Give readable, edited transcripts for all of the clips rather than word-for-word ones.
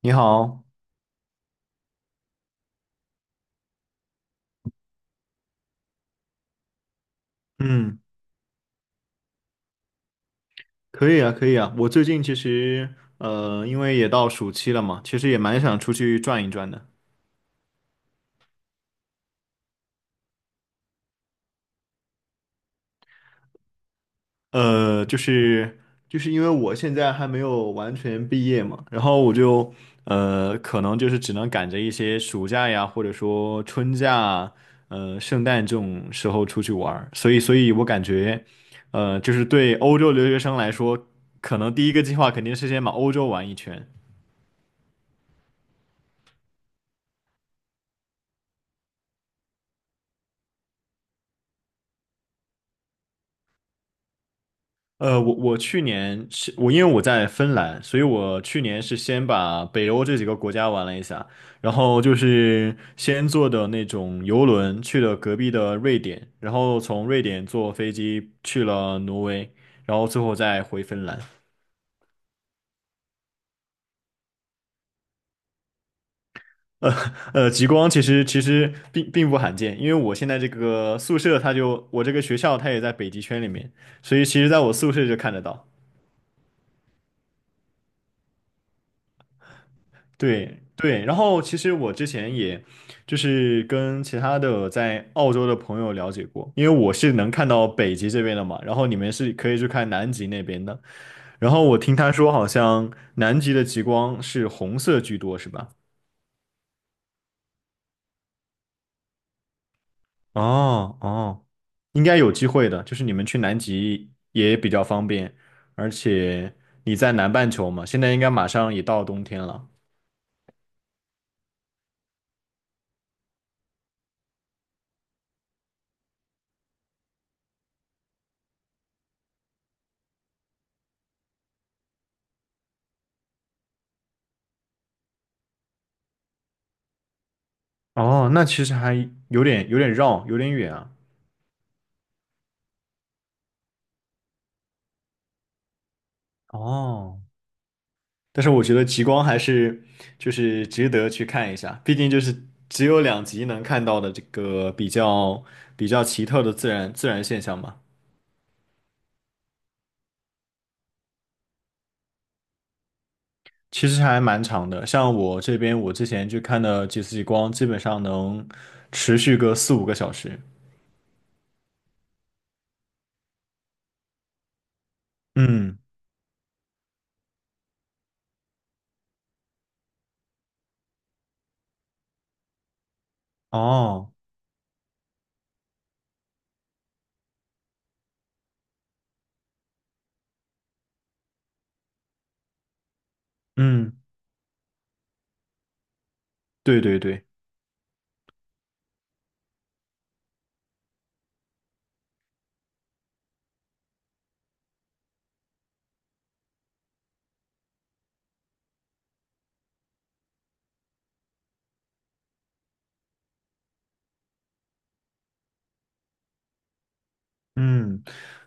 你好，嗯，可以啊，可以啊。我最近其实，因为也到暑期了嘛，其实也蛮想出去转一转的。呃，就是就是因为我现在还没有完全毕业嘛，然后我就可能就是只能赶着一些暑假呀，或者说春假啊圣诞这种时候出去玩儿。所以我感觉，就是对欧洲留学生来说，可能第一个计划肯定是先把欧洲玩一圈。呃，我我去年是因为我在芬兰，所以我去年是先把北欧这几个国家玩了一下，然后就是先坐的那种游轮去了隔壁的瑞典，然后从瑞典坐飞机去了挪威，然后最后再回芬兰。呃极光其实并不罕见，因为我现在这个宿舍它就我这个学校它也在北极圈里面，所以其实在我宿舍就看得到。对对，然后其实我之前也就是跟其他的在澳洲的朋友了解过，因为我是能看到北极这边的嘛，然后你们是可以去看南极那边的，然后我听他说好像南极的极光是红色居多，是吧？哦哦，应该有机会的，就是你们去南极也比较方便，而且你在南半球嘛，现在应该马上也到冬天了。哦，那其实还有点绕，有点远啊。哦。但是我觉得极光还是就是值得去看一下，毕竟就是只有两极能看到的这个比较奇特的自然现象嘛。其实还蛮长的，像我这边我之前去看的几次极光，基本上能持续个4、5个小时。嗯，哦，嗯，对对对，嗯，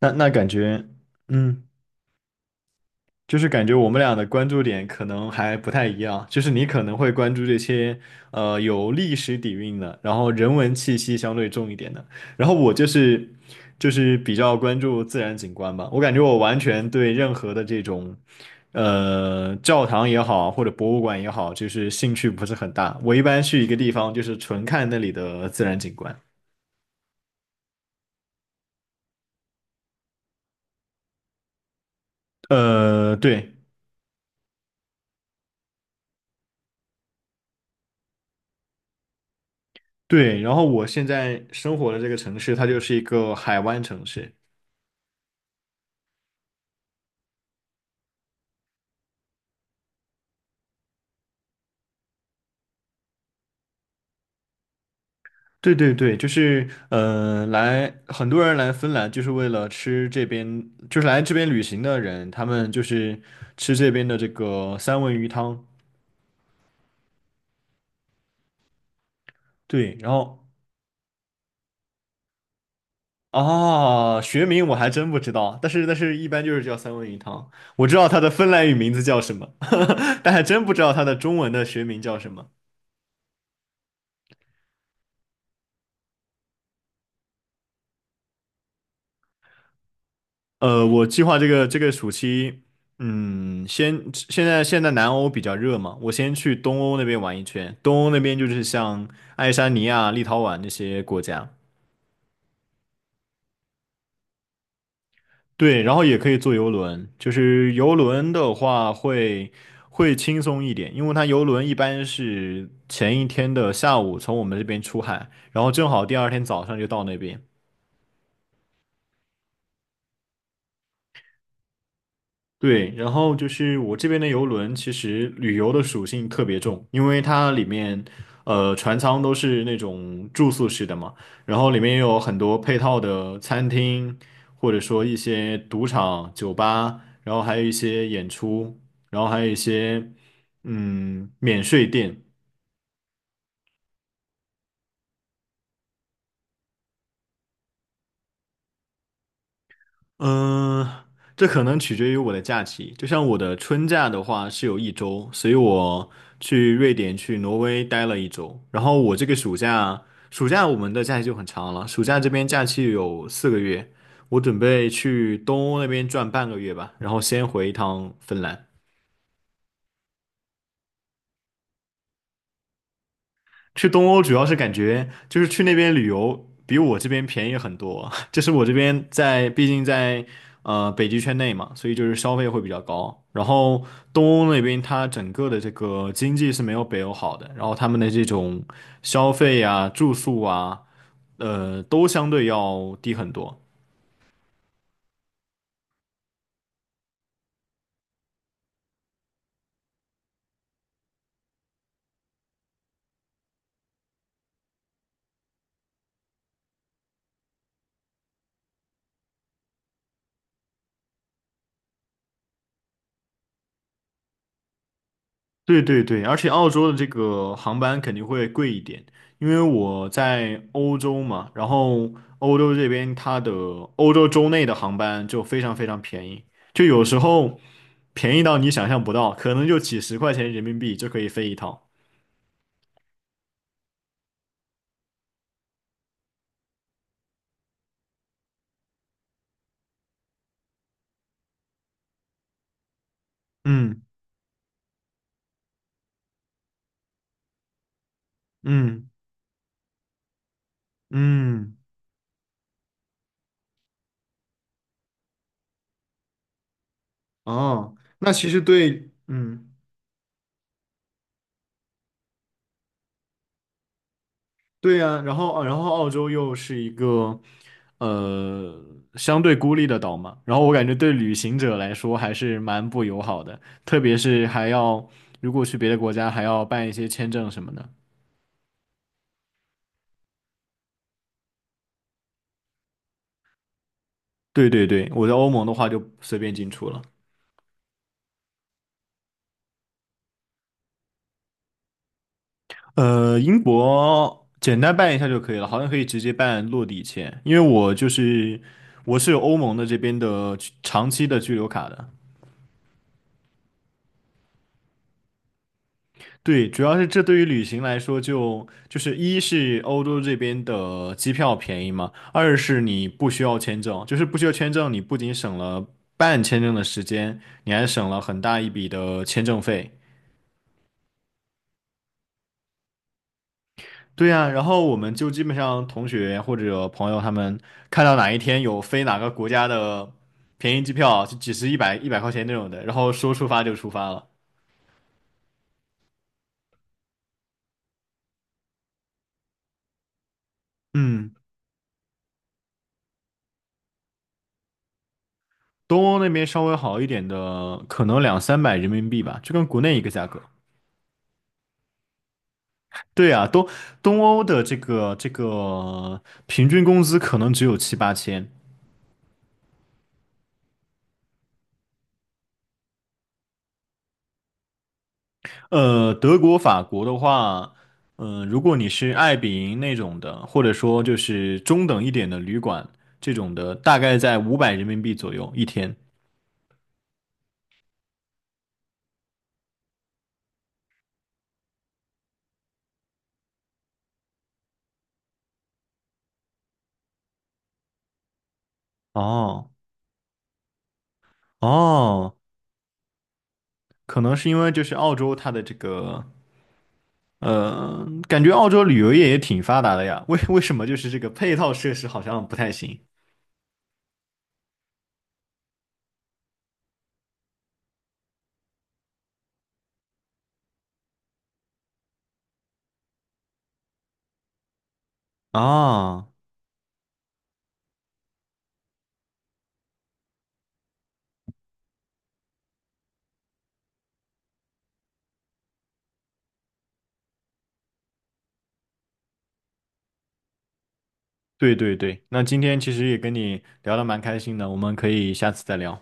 那感觉，嗯。就是感觉我们俩的关注点可能还不太一样，就是你可能会关注这些有历史底蕴的，然后人文气息相对重一点的，然后我就是比较关注自然景观吧，我感觉我完全对任何的这种教堂也好或者博物馆也好，就是兴趣不是很大，我一般去一个地方就是纯看那里的自然景观。对对，然后我现在生活的这个城市，它就是一个海湾城市，对对对，就是来很多人来芬兰就是为了吃这边，就是来这边旅行的人，他们就是吃这边的这个三文鱼汤。对，然后啊，学名我还真不知道，但是一般就是叫三文鱼汤。我知道它的芬兰语名字叫什么，但还真不知道它的中文的学名叫什么。我计划这个暑期，嗯，先现在现在南欧比较热嘛，我先去东欧那边玩一圈。东欧那边就是像爱沙尼亚、立陶宛这些国家，对，然后也可以坐游轮。就是游轮的话会轻松一点，因为它游轮一般是前一天的下午从我们这边出海，然后正好第二天早上就到那边。对，然后就是我这边的游轮，其实旅游的属性特别重，因为它里面，船舱都是那种住宿式的嘛，然后里面也有很多配套的餐厅，或者说一些赌场、酒吧，然后还有一些演出，然后还有一些免税店，嗯，这可能取决于我的假期。就像我的春假的话是有一周，所以我去瑞典、去挪威待了一周。然后我这个暑假，暑假我们的假期就很长了，暑假这边假期有4个月，我准备去东欧那边转半个月吧，然后先回一趟芬兰。去东欧主要是感觉就是去那边旅游比我这边便宜很多，就是我这边毕竟在北极圈内嘛，所以就是消费会比较高。然后东欧那边它整个的这个经济是没有北欧好的，然后他们的这种消费啊、住宿啊，都相对要低很多。对对对，而且澳洲的这个航班肯定会贵一点，因为我在欧洲嘛，然后欧洲这边它的欧洲州内的航班就非常非常便宜，就有时候便宜到你想象不到，可能就几十块钱人民币就可以飞一趟。嗯嗯嗯，哦，那其实对，嗯。对呀，然后澳洲又是一个呃相对孤立的岛嘛，然后我感觉对旅行者来说还是蛮不友好的，特别是还要如果去别的国家还要办一些签证什么的。对对对，我在欧盟的话就随便进出了。英国简单办一下就可以了，好像可以直接办落地签，因为我是有欧盟的这边的居长期的居留卡的。对，主要是这对于旅行来说就是一是欧洲这边的机票便宜嘛，二是你不需要签证，就是不需要签证，你不仅省了办签证的时间，你还省了很大一笔的签证费。对呀，然后我们就基本上同学或者朋友他们看到哪一天有飞哪个国家的便宜机票，就几十、一百、100块钱那种的，然后说出发就出发了。嗯，东欧那边稍微好一点的，可能2、300人民币吧，就跟国内一个价格。对啊，东欧的这个平均工资可能只有7、8千。德国、法国的话，如果你是爱彼迎那种的，或者说就是中等一点的旅馆这种的，大概在500人民币左右一天。哦哦，可能是因为就是澳洲它的这个，感觉澳洲旅游业也挺发达的呀。为什么就是这个配套设施好像不太行？啊？对对对，那今天其实也跟你聊得蛮开心的，我们可以下次再聊。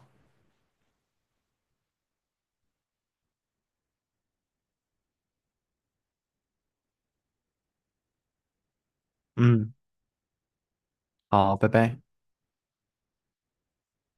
嗯，好，拜拜。